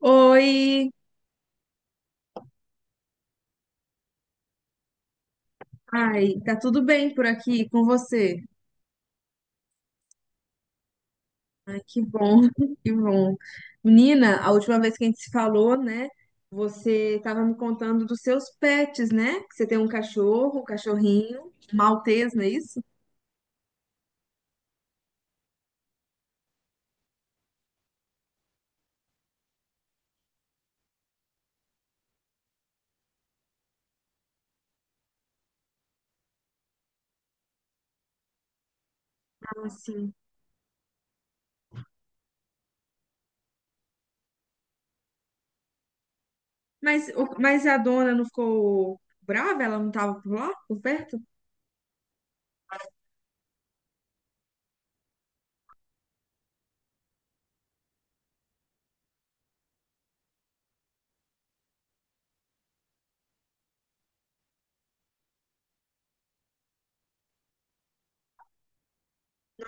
Oi, ai, tá tudo bem por aqui com você? Ai, que bom, que bom. Menina, a última vez que a gente se falou, né? Você tava me contando dos seus pets, né? Que você tem um cachorro, um cachorrinho, um maltês, não é isso? Ah, sim. Mas a dona não ficou brava? Ela não tava por lá, por perto?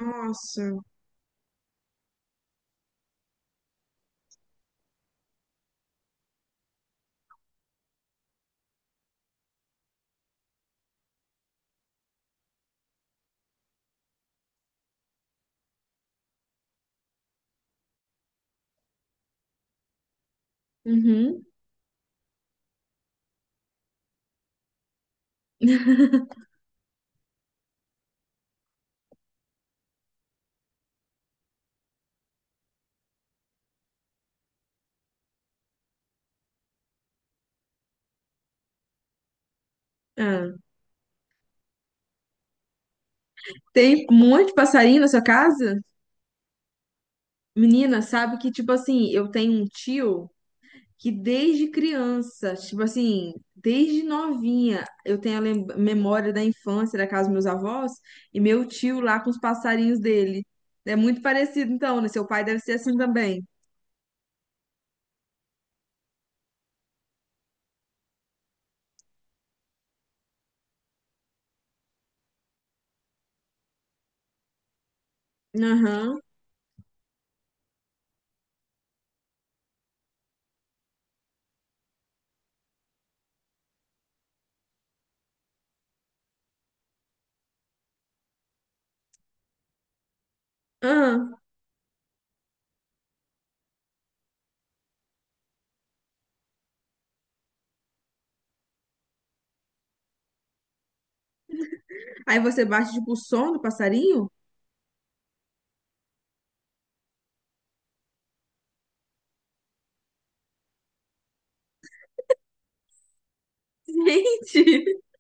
Nossa. Uhum. Ah, tem um monte de passarinho na sua casa? Menina, sabe que, tipo assim, eu tenho um tio. Que desde criança, tipo assim, desde novinha, eu tenho a memória da infância da casa dos meus avós e meu tio lá com os passarinhos dele. É muito parecido, então, né? Seu pai deve ser assim também. Aham. Aham. Aí você bate, tipo, o som do passarinho? Gente,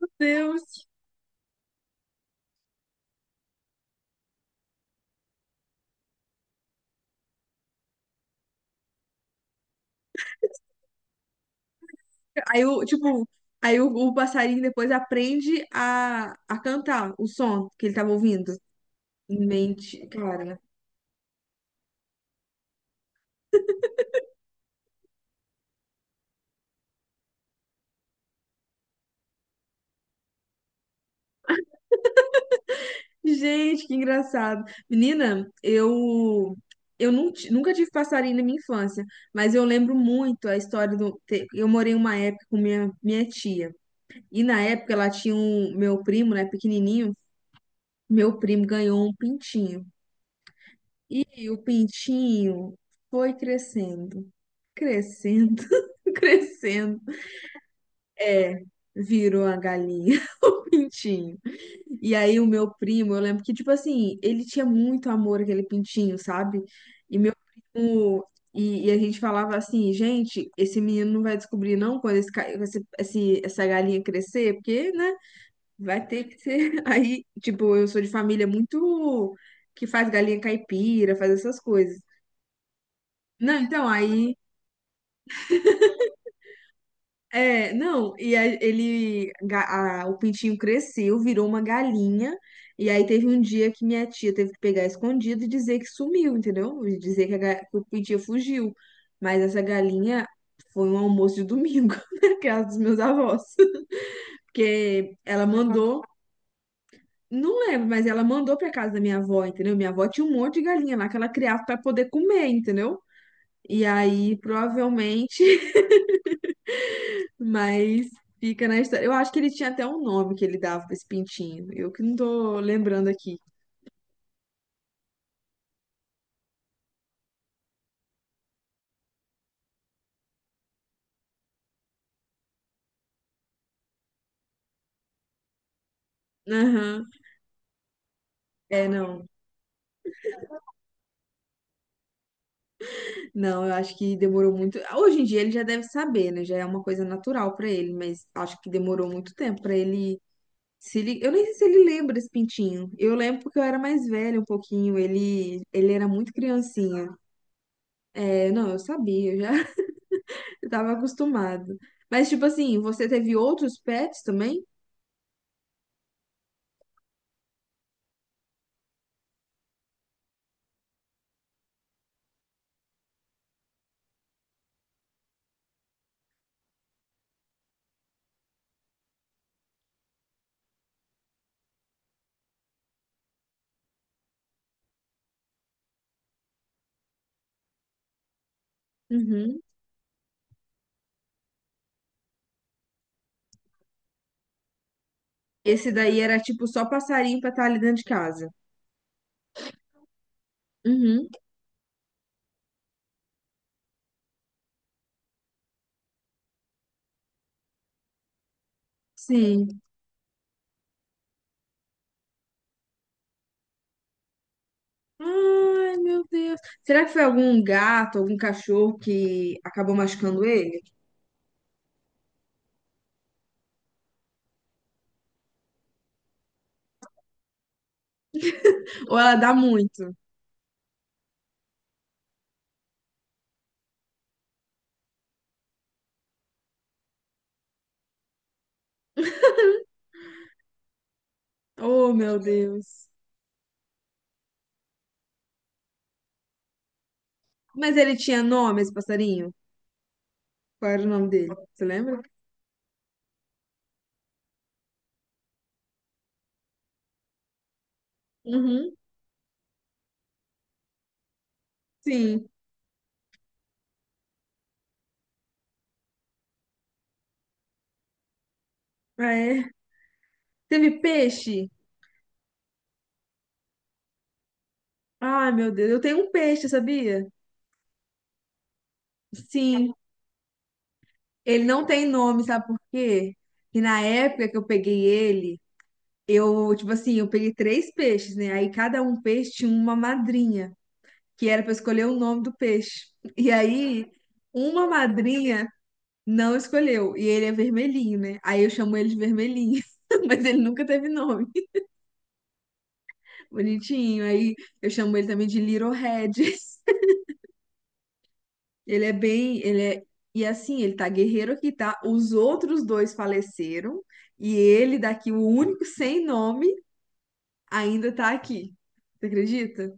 meu Deus. Aí, o, tipo, aí o passarinho depois aprende a cantar o som que ele tava ouvindo. Mente, cara. Gente, que engraçado. Menina, eu nunca tive passarinho na minha infância, mas eu lembro muito a história. Eu morei uma época com minha tia. E na época ela tinha um. Meu primo, né, pequenininho, meu primo ganhou um pintinho. E o pintinho foi crescendo, crescendo, crescendo. É, virou a galinha. Pintinho. E aí o meu primo, eu lembro que, tipo assim, ele tinha muito amor aquele pintinho, sabe? E meu primo. E a gente falava assim, gente, esse menino não vai descobrir não quando esse, ca- esse- essa galinha crescer, porque, né, vai ter que ser. Aí, tipo, eu sou de família muito que faz galinha caipira, faz essas coisas. Não, então, aí, é, não, e aí o pintinho cresceu, virou uma galinha, e aí teve um dia que minha tia teve que pegar escondido e dizer que sumiu, entendeu? E dizer que o pintinho fugiu. Mas essa galinha foi um almoço de domingo na casa dos meus avós. Porque ela mandou, não lembro, mas ela mandou pra casa da minha avó, entendeu? Minha avó tinha um monte de galinha lá que ela criava pra poder comer, entendeu? E aí, provavelmente. Mas fica na história. Eu acho que ele tinha até um nome que ele dava pra esse pintinho. Eu que não tô lembrando aqui. Aham. É, não. Não, eu acho que demorou muito. Hoje em dia ele já deve saber, né? Já é uma coisa natural pra ele, mas acho que demorou muito tempo pra ele se li... Eu nem sei se ele lembra desse pintinho. Eu lembro porque eu era mais velha um pouquinho, ele era muito criancinha. É, não, eu sabia, eu já eu tava acostumado. Mas tipo assim, você teve outros pets também? Uhum. Esse daí era tipo só passarinho pra estar ali dentro de casa. Uhum, sim. Ai, meu Deus. Será que foi algum gato, algum cachorro que acabou machucando ele? Ou ela dá muito? Oh, meu Deus. Mas ele tinha nome, esse passarinho? Qual era o nome dele? Você lembra? Uhum, sim. Ah, é. Teve peixe? Ai, meu Deus. Eu tenho um peixe, sabia? Sim. Ele não tem nome, sabe por quê? Que na época que eu peguei ele. Eu, tipo assim, eu peguei três peixes, né? Aí cada um peixe tinha uma madrinha, que era pra escolher o nome do peixe. E aí, uma madrinha não escolheu, e ele é vermelhinho, né? Aí eu chamo ele de vermelhinho, mas ele nunca teve nome. Bonitinho. Aí eu chamo ele também de Little Red. Ele é bem, ele é, E assim, ele tá guerreiro aqui, tá? Os outros dois faleceram, e ele daqui, o único sem nome, ainda tá aqui. Você acredita?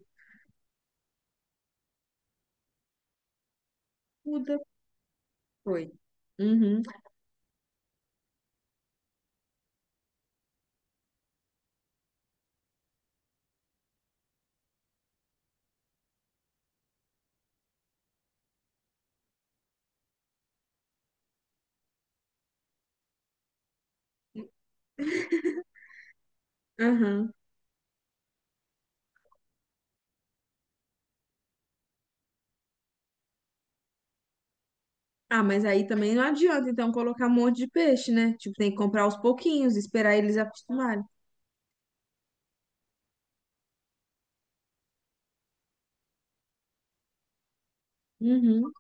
Muda. Foi. Uhum, aham. Ah, mas aí também não adianta, então, colocar um monte de peixe, né? Tipo, tem que comprar aos pouquinhos, esperar eles acostumarem. Uhum.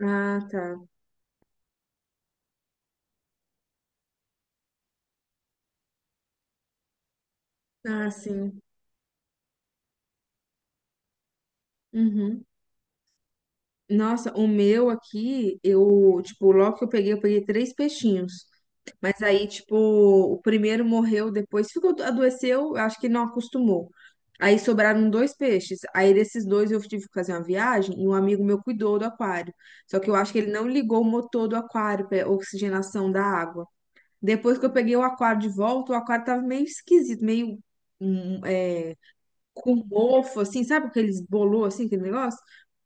Ah, tá. Ah, sim. Uhum. Nossa, o meu aqui, eu, tipo, logo que eu peguei três peixinhos. Mas aí, tipo, o primeiro morreu, depois ficou, adoeceu, acho que não acostumou. Aí sobraram dois peixes. Aí desses dois eu tive que fazer uma viagem e um amigo meu cuidou do aquário. Só que eu acho que ele não ligou o motor do aquário para oxigenação da água. Depois que eu peguei o aquário de volta, o aquário tava meio esquisito, meio hum, é, com mofo, assim, sabe aqueles bolô, assim, aquele negócio?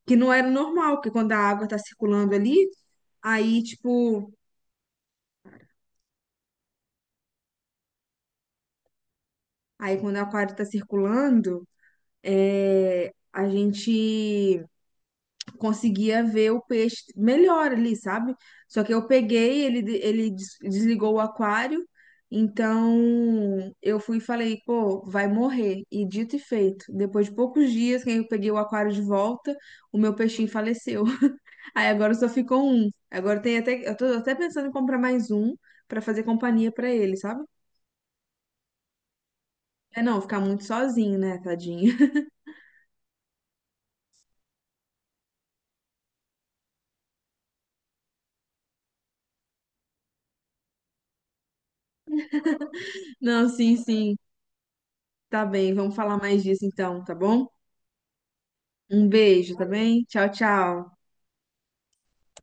Que não era normal, porque quando a água tá circulando ali, aí, tipo, aí quando o aquário tá circulando. A gente conseguia ver o peixe melhor ali, sabe? Só que eu peguei, ele, de- ele des- desligou o aquário, então eu fui e falei, pô, vai morrer. E dito e feito, depois de poucos dias, quando eu peguei o aquário de volta, o meu peixinho faleceu. Aí agora só ficou um. Agora tem até, eu tô até pensando em comprar mais um pra fazer companhia pra ele, sabe? É não, ficar muito sozinho, né, tadinho? Não, sim, sim. Tá bem, vamos falar mais disso então, tá bom? Um beijo, tá bem? Tchau, tchau.